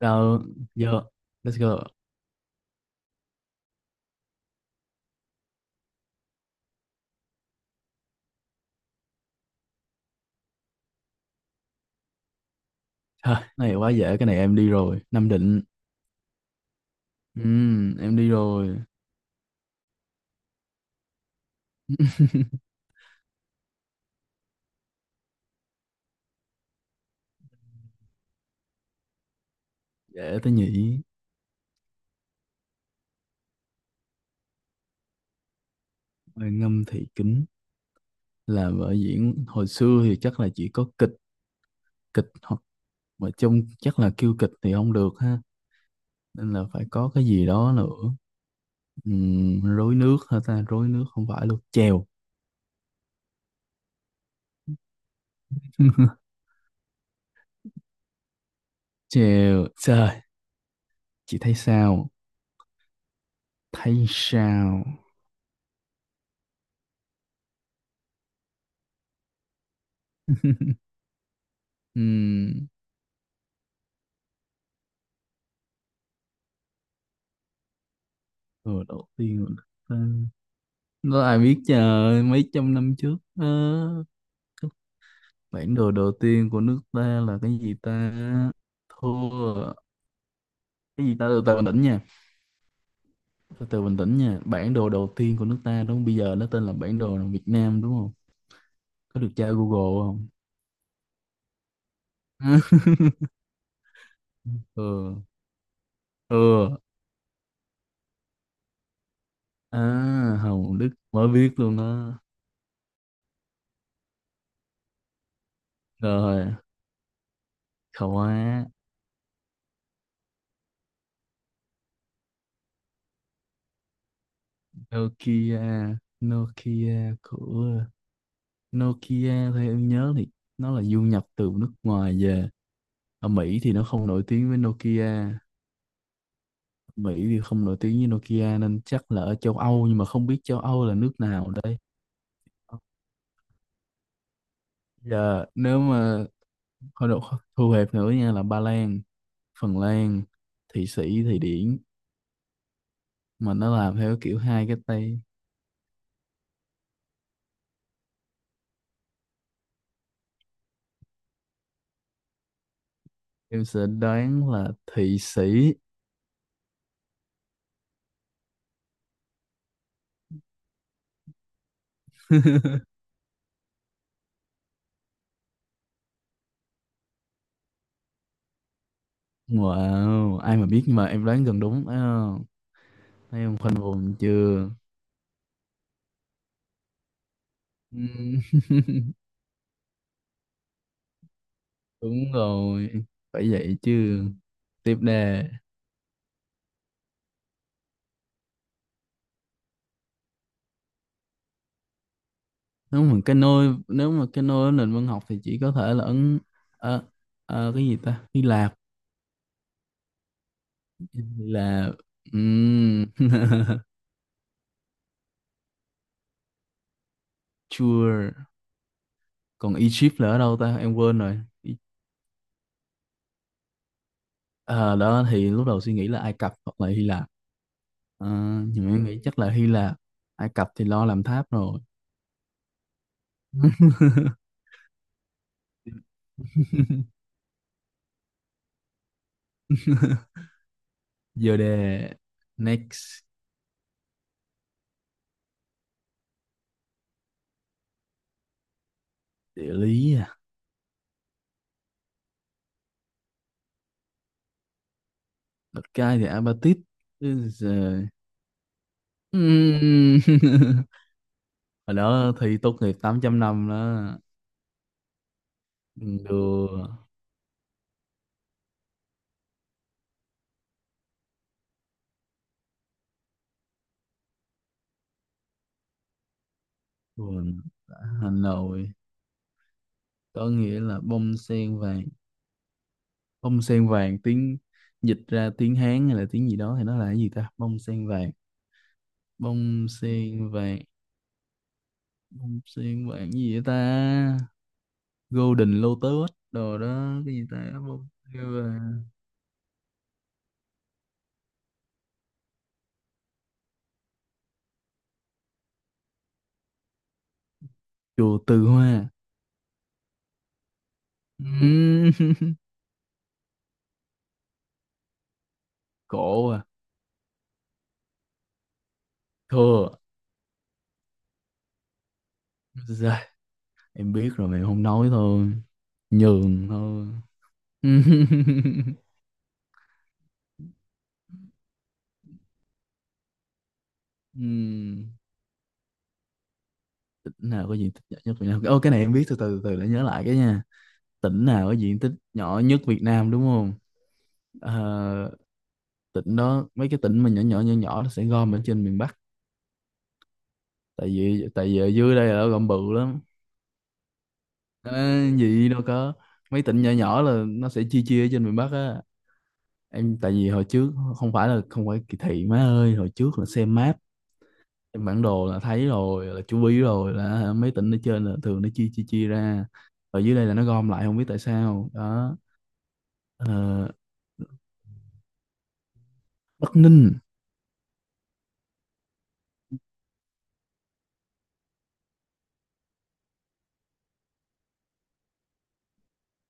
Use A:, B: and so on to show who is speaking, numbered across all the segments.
A: Rồi, giờ let's go. Thôi, này quá dễ, cái này em đi rồi. Nam Định. Em đi rồi. Dễ tới nhỉ. Bài ngâm thị kính là vở diễn hồi xưa thì chắc là chỉ có kịch, kịch hoặc mà chung chắc là kêu kịch thì không được ha. Nên là phải có cái gì đó nữa. Rối nước hả ta? Rối nước không phải luôn. Chèo. Chèo. Trời, chị thấy sao? Thấy sao? Ừm, rồi đầu tiên là ta. Đó ai biết, trời mấy trăm năm trước á, cái bản đồ đầu tiên của nước ta là cái gì ta, thua. Cái gì ta, từ từ bình tĩnh nha, từ từ bình tĩnh nha, bản đồ đầu tiên của nước ta đúng không? Bây giờ nó tên là bản đồ Việt Nam đúng không? Có được tra Google không? Ừ. Ừ. À Hồng Đức mới biết luôn đó. Rồi. Khóa. Nokia. Nokia của. Theo em nhớ thì nó là du nhập từ nước ngoài về, ở Mỹ thì nó không nổi tiếng với Nokia. Mỹ thì không nổi tiếng với Nokia nên chắc là ở châu Âu, nhưng mà không biết châu Âu là nước nào đây. Giờ nếu mà thôi độ Thu hẹp nữa nha, là Ba Lan, Phần Lan, Thụy Sĩ, Thụy Điển, mà nó làm theo kiểu hai cái tay. Em sẽ đoán là Thụy Sĩ. Wow, ai mà biết, nhưng mà em đoán gần đúng thấy không? Thấy không, khoanh vùng chưa? Ừm, đúng rồi, phải vậy chứ. Tiếp đề. Nếu mà cái nơi ở nền văn học thì chỉ có thể là ấn, ờ, cái gì ta, Hy Lạp. Là um, sure. Còn Egypt là ở đâu ta, em quên rồi. Ý- Ờ, đó thì lúc đầu suy nghĩ là Ai Cập hoặc là Hy Lạp. Ờ, nhưng mà em nghĩ chắc là Hy Lạp. Ai Cập thì lo làm tháp rồi. Giờ đề. Next. Địa lý à? Đất Cai thì Apatit. Bây giờ- Ừm. Hồi đó thi tốt nghiệp 8 năm đó đưa. Buồn. Đã. Hà Nội, có nghĩa là bông sen vàng. Bông sen vàng tiếng, dịch ra tiếng Hán hay là tiếng gì đó thì nó là cái gì ta, bông sen vàng. Bông sen vàng. Bông sen vàng gì vậy ta? Golden Lotus đồ đó, cái gì ta, bông sen vàng. Chùa Từ Hoa? Ừm, cổ à? Thua. Rồi, em biết rồi mà em không nói thôi. Nhường thôi. Ừm, tỉnh nào có diện tích nhỏ nhất Việt Nam? Ô, cái này em biết, từ từ từ để nhớ lại cái nha. Tỉnh nào có diện tích nhỏ nhất Việt Nam đúng không? Ờ, tỉnh đó, mấy cái tỉnh mà nhỏ nhỏ nhỏ nhỏ nó sẽ gom ở trên miền Bắc. Tại vì ở dưới đây là nó gom bự lắm. À, gì đâu có, mấy tỉnh nhỏ nhỏ là nó sẽ chia chia ở trên miền Bắc á. Em tại vì hồi trước không phải là không phải kỳ thị má ơi, hồi trước là xem map. Trên bản đồ là thấy rồi, là chú ý rồi, là hả, mấy tỉnh ở trên là thường nó chia chia chia ra. Ở dưới đây là nó gom lại không biết tại sao đó. Ờ, Bắc Ninh.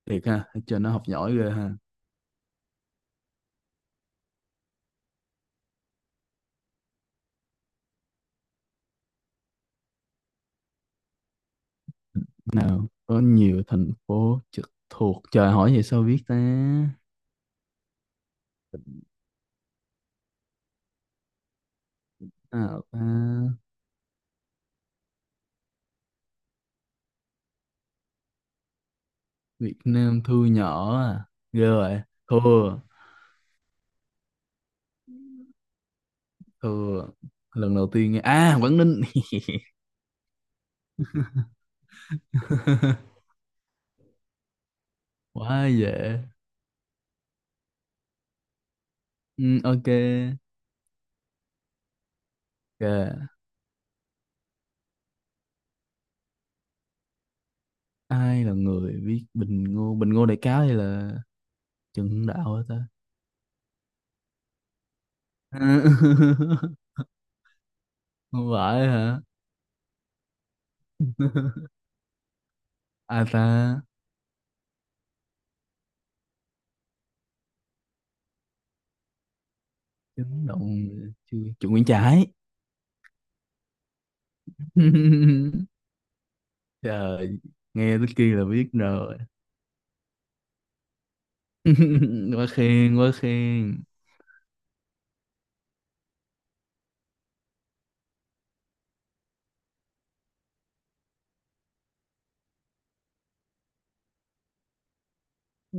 A: Thiệt ha, ở trên nó học giỏi ghê ha. Nào có nhiều thành phố trực thuộc, trời hỏi vậy sao biết ta. Nào ta? Việt Nam thu nhỏ à? Ghê vậy. Thua. Thua. Lần đầu tiên nghe à, Quảng Ninh. Quá dễ. Ừ, ok. Ok. Ai là người viết Bình Ngô, Bình Ngô Đại Cáo hay là Trần Hưng Đạo hả ta? Không phải hả? Ai ta? Chấn động, chưa. Nguyễn Trãi. Trời, nghe tới kia là biết rồi. Quá khen quá khen.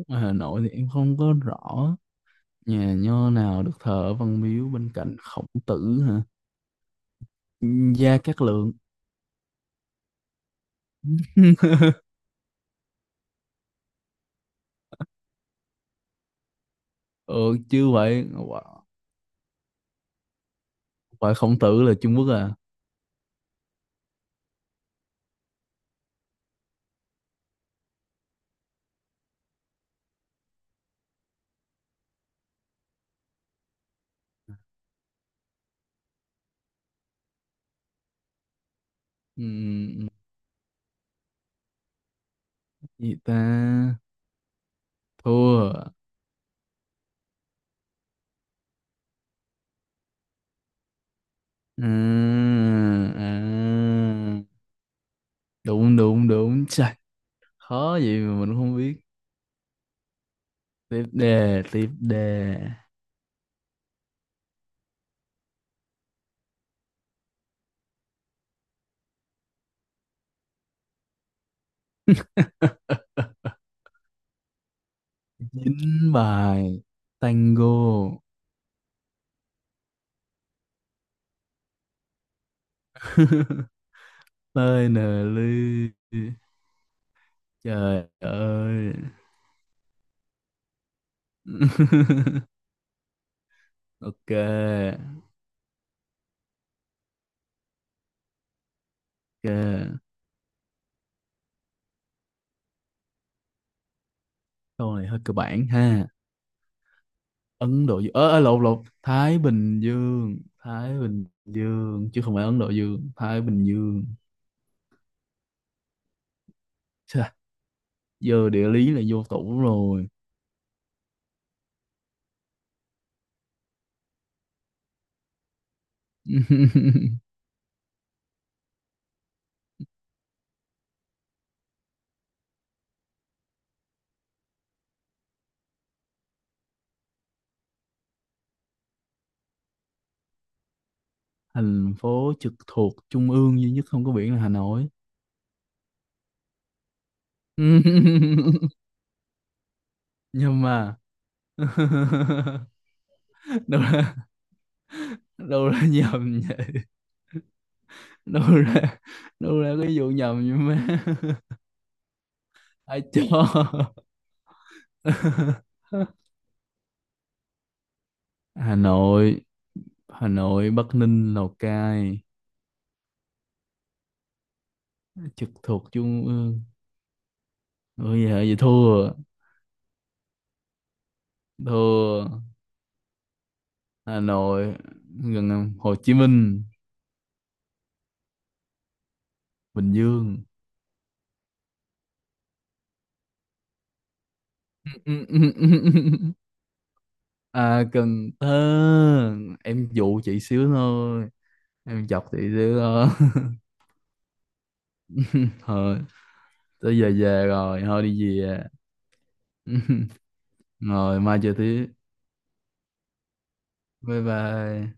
A: Ở Hà Nội thì em không có rõ. Nhà nho nào được thờ ở Văn Miếu bên cạnh Khổng Tử hả? Gia Cát Lượng. Ừ chứ vậy. Không phải Khổng Tử là Trung Quốc à? Ừ, gì ta. Thua. À, à. Đúng đúng đúng, trời. Khó gì mà mình không biết. Tiếp đề, tiếp đề. Dính bài. Tango. Tơi nờ ly. Trời ơi. Ok. Ok. Câu này hơi cơ bản ha. Ấn Độ Dương, ờ ờ, lộn lộn Thái Bình Dương. Chứ không phải Ấn Độ Dương, Thái Bình Dương. Chà, giờ địa lý là vô tủ rồi. Thành phố trực thuộc trung ương duy nhất không có biển là Hà Nội. Nhưng mà đâu ra, đâu ra nhầm vậy, đâu ra, đâu ra cái vụ nhầm vậy má? Ai cho? Hà Nội. Hà Nội, Bắc Ninh, Lào Cai. Trực thuộc trung ương. Ôi giờ vậy thua. Thua. Hà Nội, gần Hồ Chí Minh. Bình Dương. À Cần Thơ. Em dụ chị xíu thôi. Em chọc chị xíu thôi. Thôi tới giờ về rồi, thôi đi về. Rồi mai chơi tiếp. Bye bye.